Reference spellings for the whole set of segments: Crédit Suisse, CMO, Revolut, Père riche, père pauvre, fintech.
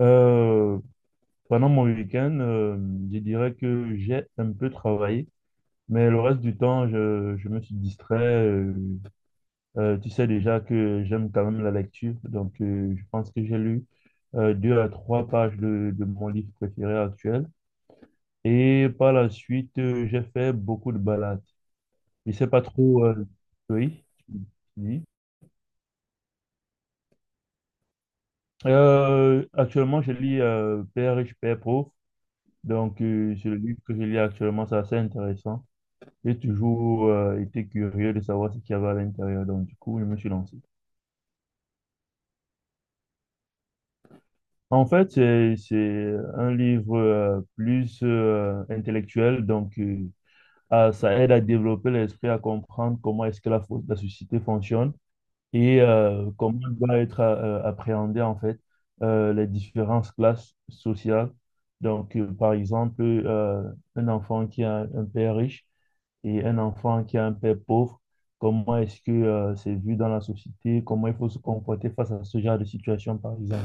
Euh, Pendant mon week-end, je dirais que j'ai un peu travaillé, mais le reste du temps, je me suis distrait. Tu sais déjà que j'aime quand même la lecture, donc je pense que j'ai lu deux à trois pages de mon livre préféré actuel. Et par la suite, j'ai fait beaucoup de balades. Je sais pas trop. Oui. Oui. Actuellement, je lis Père riche, père pauvre. Donc, c'est le livre que je lis actuellement, c'est assez intéressant. J'ai toujours été curieux de savoir ce qu'il y avait à l'intérieur. Donc, du coup, je me suis lancé. En fait, c'est un livre plus intellectuel. Donc, ah, ça aide à développer l'esprit, à comprendre comment est-ce que la société fonctionne et comment doit être appréhendée, en fait, les différentes classes sociales. Donc, par exemple, un enfant qui a un père riche et un enfant qui a un père pauvre, comment est-ce que c'est vu dans la société? Comment il faut se comporter face à ce genre de situation, par exemple?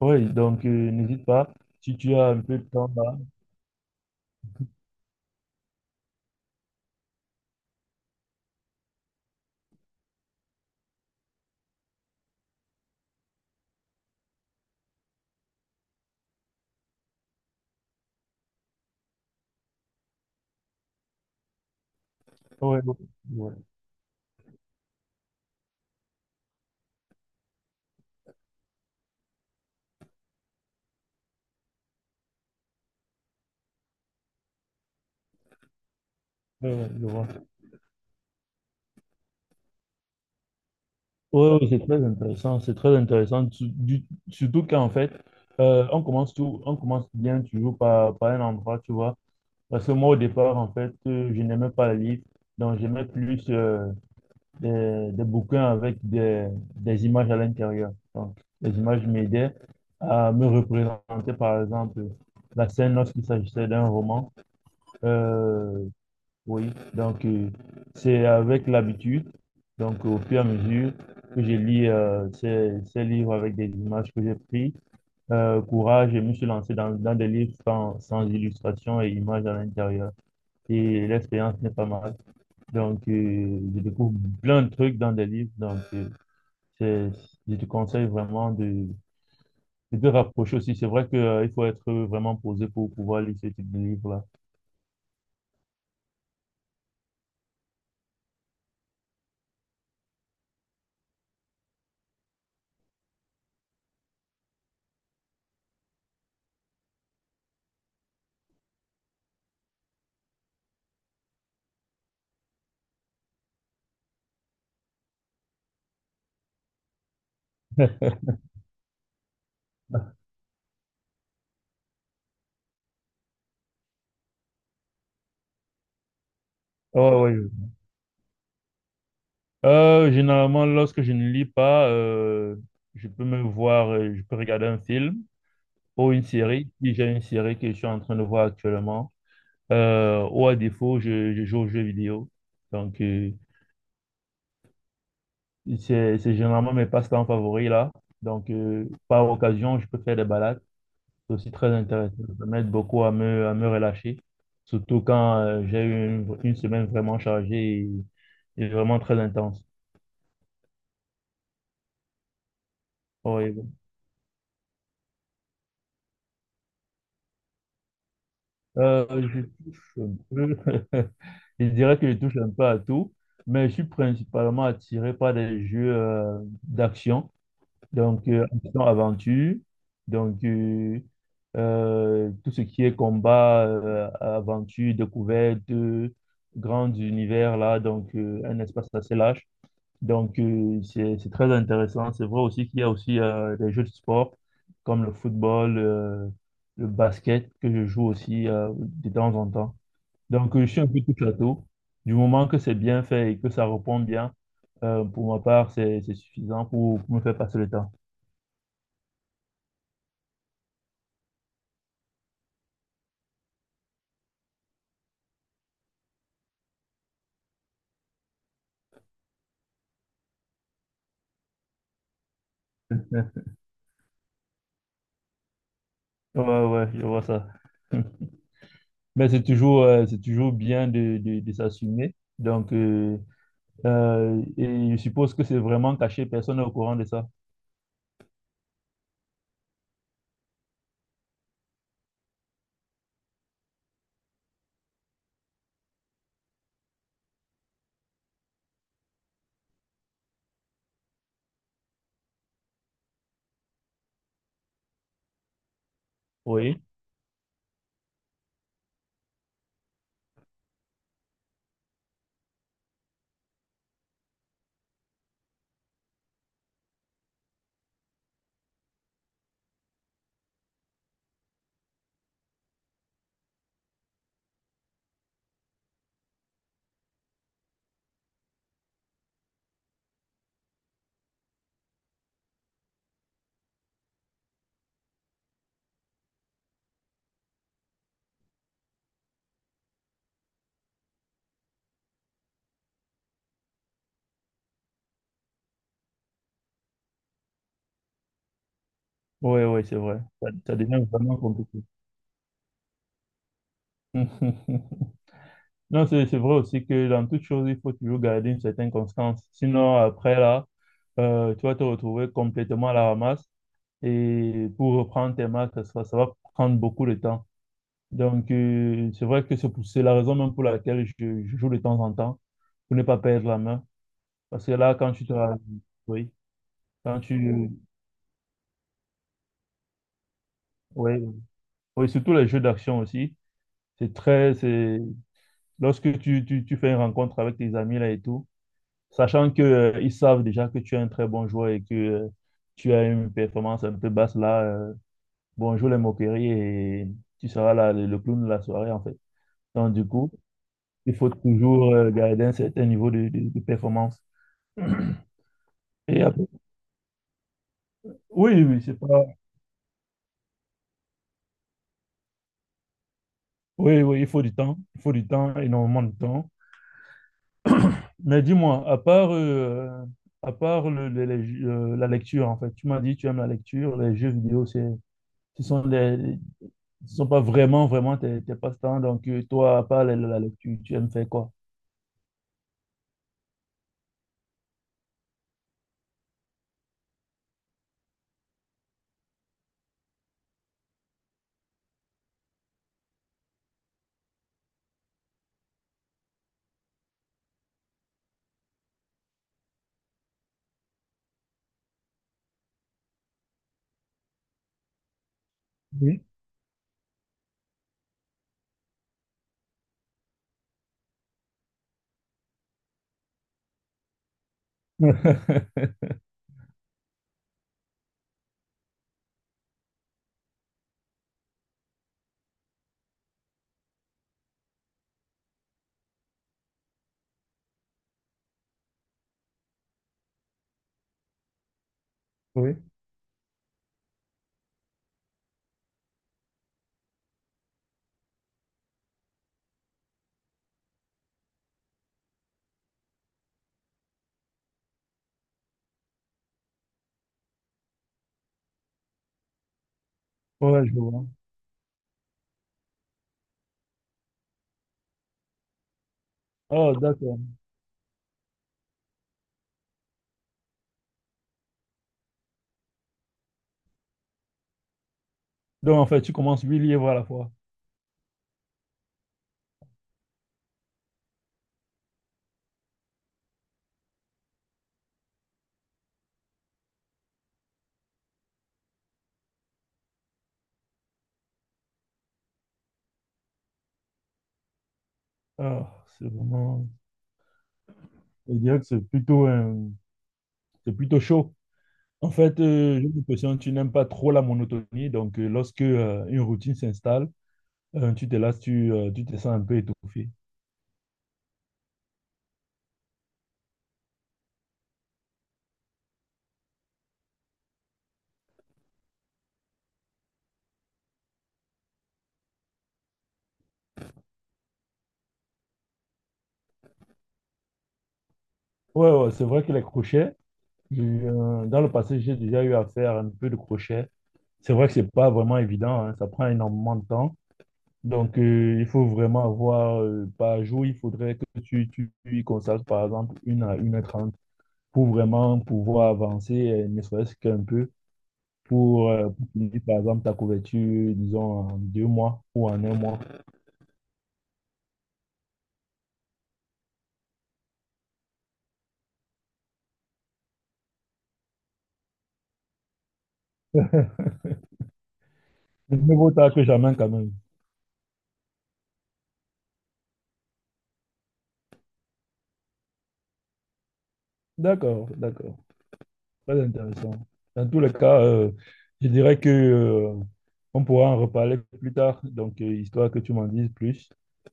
Oui, donc n'hésite pas. Si tu as un peu de temps là. Ouais, ouais, ouais, ouais, je vois. Oui, oui, c'est très intéressant, c'est très intéressant. Surtout qu'en fait, on commence bien toujours par un endroit, tu vois, parce que moi au départ, en fait, je n'aimais pas les livres, donc j'aimais plus des bouquins avec des images à l'intérieur. Donc, les images m'aidaient à me représenter, par exemple, la scène lorsqu'il s'agissait d'un roman. Euh, oui, donc c'est avec l'habitude, donc au fur et à mesure que je lis ces livres avec des images que j'ai prises, courage, je me suis lancé dans des livres sans illustration et images à l'intérieur. Et l'expérience n'est pas mal. Donc je découvre plein de trucs dans des livres, donc c'est, je te conseille vraiment de te rapprocher aussi. C'est vrai que, il faut être vraiment posé pour pouvoir lire ce type de livre-là. Ouais, ouais. Généralement, lorsque je ne lis pas, je peux me voir, je peux regarder un film ou une série, si j'ai une série que je suis en train de voir actuellement, ou à défaut, je joue aux jeux vidéo. Donc, c'est généralement mes passe-temps favoris là. Donc, par occasion, je peux faire des balades. C'est aussi très intéressant. Ça m'aide beaucoup à me relâcher, surtout quand j'ai eu une semaine vraiment chargée et vraiment très intense. Oui. Je touche un peu. Je dirais que je touche un peu à tout, mais je suis principalement attiré par des jeux d'action, donc action-aventure, donc tout ce qui est combat, aventure, découverte, grand univers là, donc un espace assez large. Donc, c'est très intéressant. C'est vrai aussi qu'il y a aussi des jeux de sport comme le football, le basket que je joue aussi de temps en temps. Donc, je suis un peu tout château. Du moment que c'est bien fait et que ça répond bien, pour ma part, c'est suffisant pour me faire passer le temps. Ouais, ouais, ouais, je vois ça. Mais c'est toujours bien de s'assumer. Donc, et je suppose que c'est vraiment caché, personne n'est au courant de ça. Oui, oui, oui, c'est vrai. Ça devient vraiment compliqué. Non, c'est vrai aussi que dans toute chose, il faut toujours garder une certaine constance. Sinon, après là, tu vas te retrouver complètement à la ramasse. Et pour reprendre tes marques, ça va prendre beaucoup de temps. Donc, c'est vrai que c'est la raison même pour laquelle je joue de temps en temps, pour ne pas perdre la main. Parce que là, quand tu te... Oui, quand tu... oui. Oui, surtout les jeux d'action aussi. C'est lorsque tu fais une rencontre avec tes amis là et tout, sachant que ils savent déjà que tu es un très bon joueur et que tu as une performance un peu basse là, bonjour les moqueries et tu seras là le clown de la soirée en fait. Donc du coup, il faut toujours garder un certain niveau de performance. Et après- oui, oui, c'est pas. Oui, oui, il faut du temps, il faut du temps, énormément de temps. Mais dis-moi, à part la lecture, en fait, tu m'as dit tu aimes la lecture, les jeux vidéo, c'est, ce sont les, ce sont pas vraiment, vraiment tes passe-temps. Donc, toi, à part la lecture, tu aimes faire quoi? Oui. Oui, ouais, je vois. Oh, d'accord. Donc, en fait, tu commences huit livres à la fois. Ah, c'est vraiment, je dirais que c'est plutôt chaud. En fait, j'ai l'impression que tu n'aimes pas trop la monotonie. Donc, lorsque, une routine s'installe, tu te lasses, tu te sens un peu étouffé. Ouais, ouais, c'est vrai que les crochets, dans le passé, j'ai déjà eu à faire un peu de crochet. C'est vrai que c'est pas vraiment évident, hein, ça prend énormément de temps. Donc, il faut vraiment avoir, par jour, il faudrait que tu y consacres, par exemple, 1 h à 1 h 30 pour vraiment pouvoir avancer, ne serait-ce qu'un peu. Pour finir, par exemple, ta couverture, disons, en 2 mois ou en un mois. Mais mieux vaut tard que jamais, quand même. D'accord, d'accord. Très intéressant. Dans tous les cas, je dirais que, on pourra en reparler plus tard, donc, histoire que tu m'en dises plus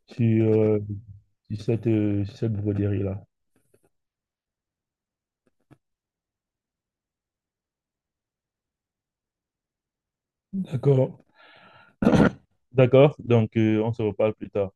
sur, euh, sur cette broderie-là. D'accord, d'accord. Donc, on se reparle plus tard.